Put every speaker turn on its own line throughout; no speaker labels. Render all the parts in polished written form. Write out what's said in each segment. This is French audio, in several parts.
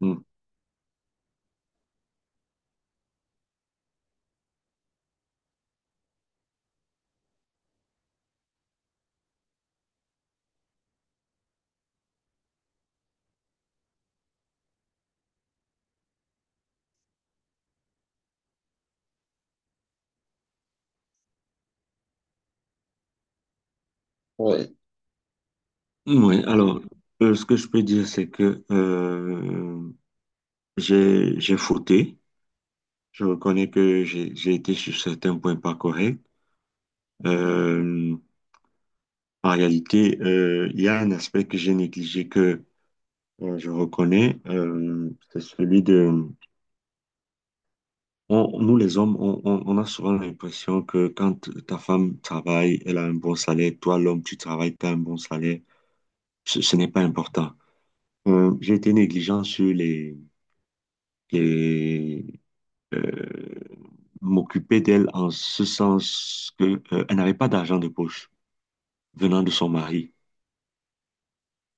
Mm. Ouais. Oui, alors, ce que je peux dire, c'est que j'ai fauté. Je reconnais que j'ai été sur certains points pas corrects. Euh, en réalité, il y a un aspect que j'ai négligé que je reconnais, c'est celui de... nous, les hommes, on a souvent l'impression que quand ta femme travaille, elle a un bon salaire. Toi, l'homme, tu travailles, tu as un bon salaire. Ce n'est pas important. J'ai été négligent sur les et euh, m'occuper d'elle en ce sens que elle n'avait pas d'argent de poche venant de son mari.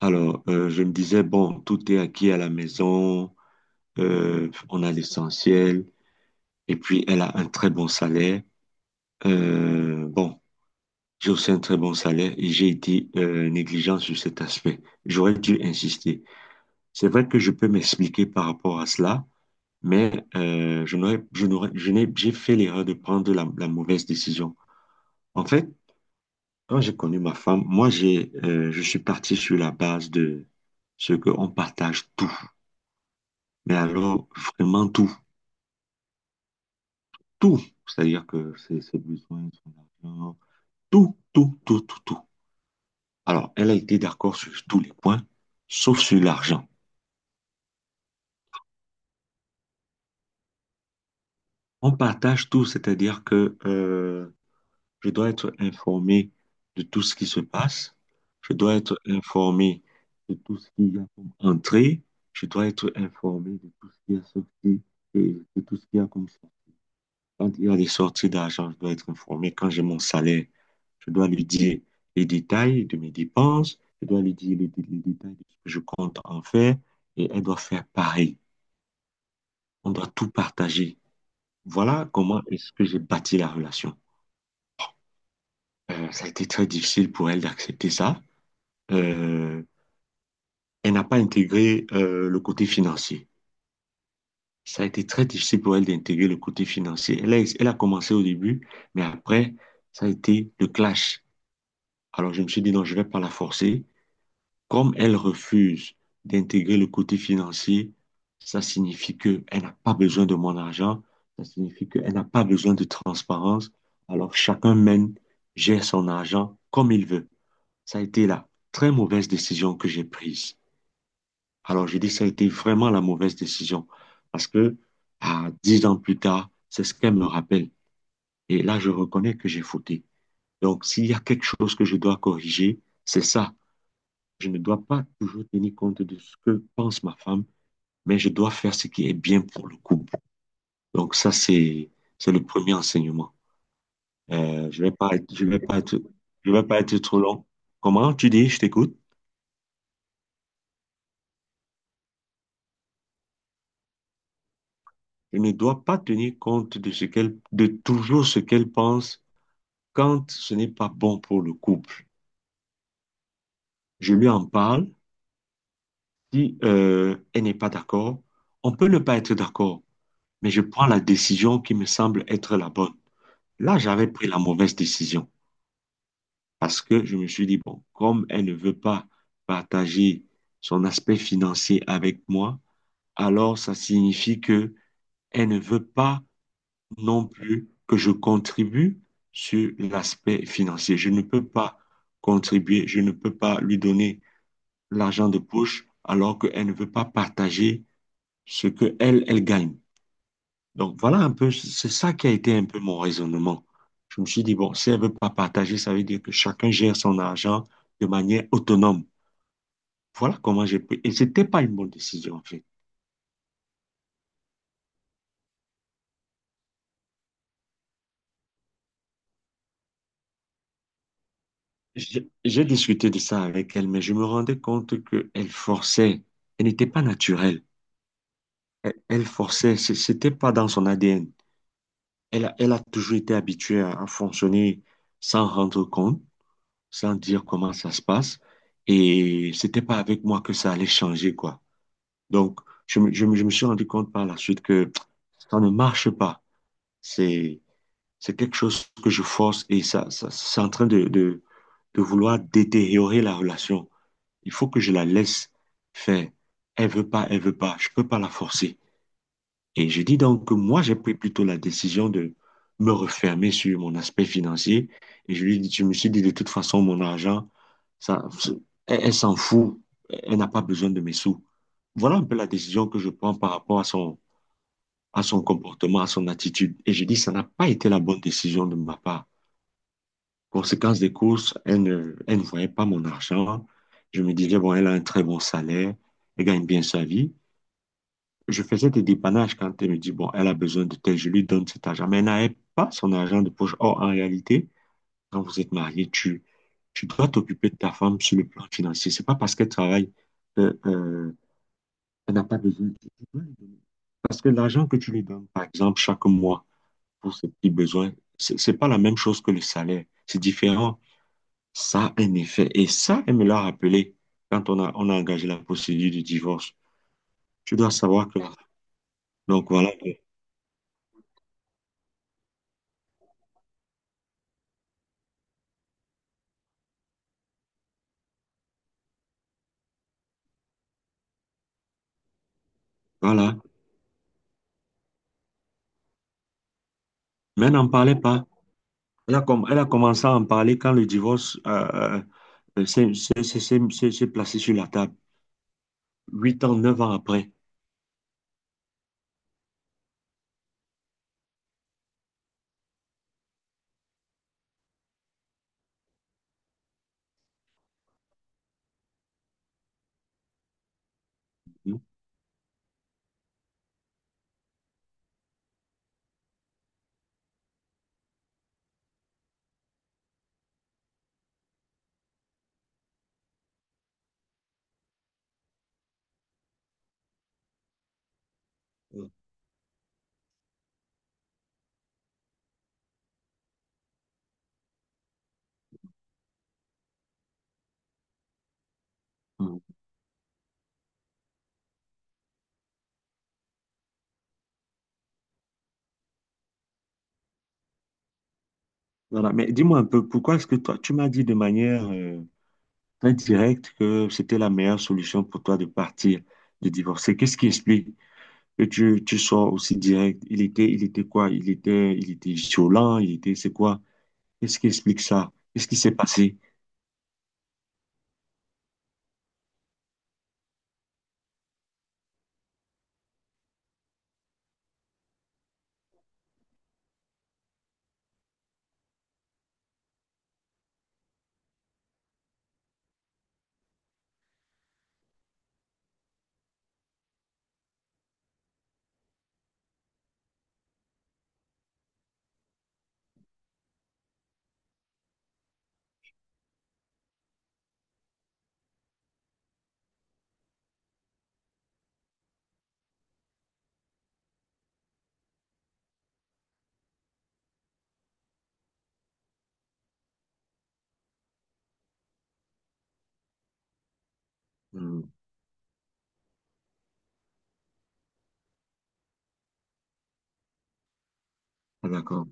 Alors, je me disais, bon, tout est acquis à la maison, on a l'essentiel, et puis elle a un très bon salaire. Bon, j'ai aussi un très bon salaire et j'ai été négligent sur cet aspect. J'aurais dû insister. C'est vrai que je peux m'expliquer par rapport à cela, mais je n'aurais, je n'aurais, je n'ai, j'ai fait l'erreur de prendre la mauvaise décision. En fait, quand j'ai connu ma femme, moi, je suis parti sur la base de ce qu'on partage tout. Mais alors, vraiment tout. Tout. C'est-à-dire que ses besoins, son argent, tout, tout, tout, tout, tout. Alors, elle a été d'accord sur tous les points, sauf sur l'argent. On partage tout, c'est-à-dire que je dois être informé de tout ce qui se passe. Je dois être informé de tout ce qu'il y a comme entrée. Je dois être informé de tout ce qui est sorti et de tout ce qu'il y a comme ça. Quand il y a des sorties d'argent, je dois être informé. Quand j'ai mon salaire, je dois lui dire les détails de mes dépenses. Je dois lui dire les détails de ce que je compte en faire. Et elle doit faire pareil. On doit tout partager. Voilà comment est-ce que j'ai bâti la relation. Ça a été très difficile pour elle d'accepter ça. euh, Elle n'a pas intégré le côté financier. Ça a été très difficile pour elle d'intégrer le côté financier. Elle a commencé au début, mais après, ça a été le clash. Alors je me suis dit, non, je ne vais pas la forcer. Comme elle refuse d'intégrer le côté financier, ça signifie qu'elle n'a pas besoin de mon argent, ça signifie qu'elle n'a pas besoin de transparence. Alors chacun mène, gère son argent comme il veut. Ça a été la très mauvaise décision que j'ai prise. Alors, j'ai dit, que ça a été vraiment la mauvaise décision. Parce que, à 10 ans plus tard, c'est ce qu'elle me rappelle. Et là, je reconnais que j'ai fauté. Donc, s'il y a quelque chose que je dois corriger, c'est ça. Je ne dois pas toujours tenir compte de ce que pense ma femme, mais je dois faire ce qui est bien pour le couple. Donc, ça, c'est le premier enseignement. Je vais pas être, je vais pas être, je vais pas être trop long. Comment tu dis, je t'écoute? Je ne dois pas tenir compte de ce qu'elle, de toujours ce qu'elle pense quand ce n'est pas bon pour le couple, je lui en parle. Si elle n'est pas d'accord, on peut ne pas être d'accord, mais je prends la décision qui me semble être la bonne. Là, j'avais pris la mauvaise décision parce que je me suis dit, bon, comme elle ne veut pas partager son aspect financier avec moi, alors ça signifie que elle ne veut pas non plus que je contribue sur l'aspect financier. Je ne peux pas contribuer, je ne peux pas lui donner l'argent de poche alors qu'elle ne veut pas partager ce que elle, elle gagne. Donc voilà un peu, c'est ça qui a été un peu mon raisonnement. Je me suis dit, bon, si elle ne veut pas partager, ça veut dire que chacun gère son argent de manière autonome. Voilà comment j'ai pris. Et c'était pas une bonne décision, en fait. J'ai discuté de ça avec elle, mais je me rendais compte qu'elle forçait. Elle n'était pas naturelle. Elle forçait. C'était pas dans son ADN. Elle a toujours été habituée à fonctionner sans rendre compte, sans dire comment ça se passe. Et c'était pas avec moi que ça allait changer, quoi. Donc, je me suis rendu compte par la suite que ça ne marche pas. C'est, c'est quelque chose que je force et ça c'est en train de, vouloir détériorer la relation. Il faut que je la laisse faire. Elle veut pas, elle veut pas. Je peux pas la forcer. Et je dis donc que moi, j'ai pris plutôt la décision de me refermer sur mon aspect financier. Et je lui dis, je me suis dit, de toute façon, mon argent, ça, elle, elle s'en fout. Elle n'a pas besoin de mes sous. Voilà un peu la décision que je prends par rapport à son comportement, à son attitude. Et je dis, ça n'a pas été la bonne décision de ma part. Conséquence des courses, elle ne voyait pas mon argent. Je me disais, bon, elle a un très bon salaire, elle gagne bien sa vie. Je faisais des dépannages quand elle me dit, bon, elle a besoin de tel, je lui donne cet argent. Mais elle n'avait pas son argent de poche. Or, en réalité, quand vous êtes marié, tu dois t'occuper de ta femme sur le plan financier. C'est pas parce qu'elle travaille qu'elle elle n'a pas besoin. Tu dois lui donner. Parce que l'argent que tu lui donnes, par exemple, chaque mois, pour ses petits besoins, c'est pas la même chose que le salaire. C'est différent. Ça a un effet. Et ça, elle me l'a rappelé quand on a engagé la procédure du divorce. Tu dois savoir que, donc voilà, voilà. Mais elle n'en parlait pas. Elle a commencé à en parler quand le divorce s'est placé sur la table, 8 ans, 9 ans après. Mm. Mm. Voilà. Mais dis-moi un peu, pourquoi est-ce que toi, tu m'as dit de manière très directe que c'était la meilleure solution pour toi de partir, de divorcer? Qu'est-ce qui explique que tu sois aussi direct? Il était quoi? Il était violent, il était, c'est quoi? Qu'est-ce qui explique ça? Qu'est-ce qui s'est passé? Mm. Ah, d'accord.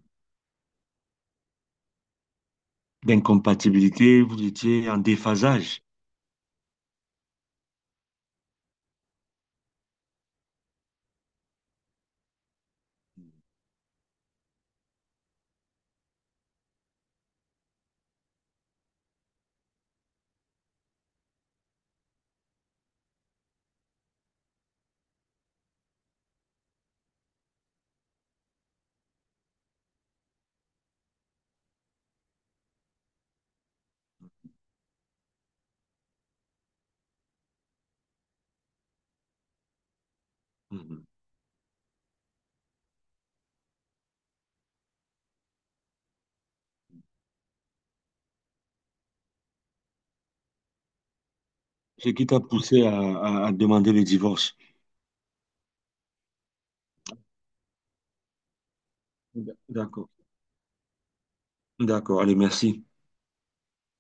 D'incompatibilité, vous étiez en déphasage. Mhm. Ce qui t'a poussé à, à demander le divorce. D'accord. D'accord. Allez, merci.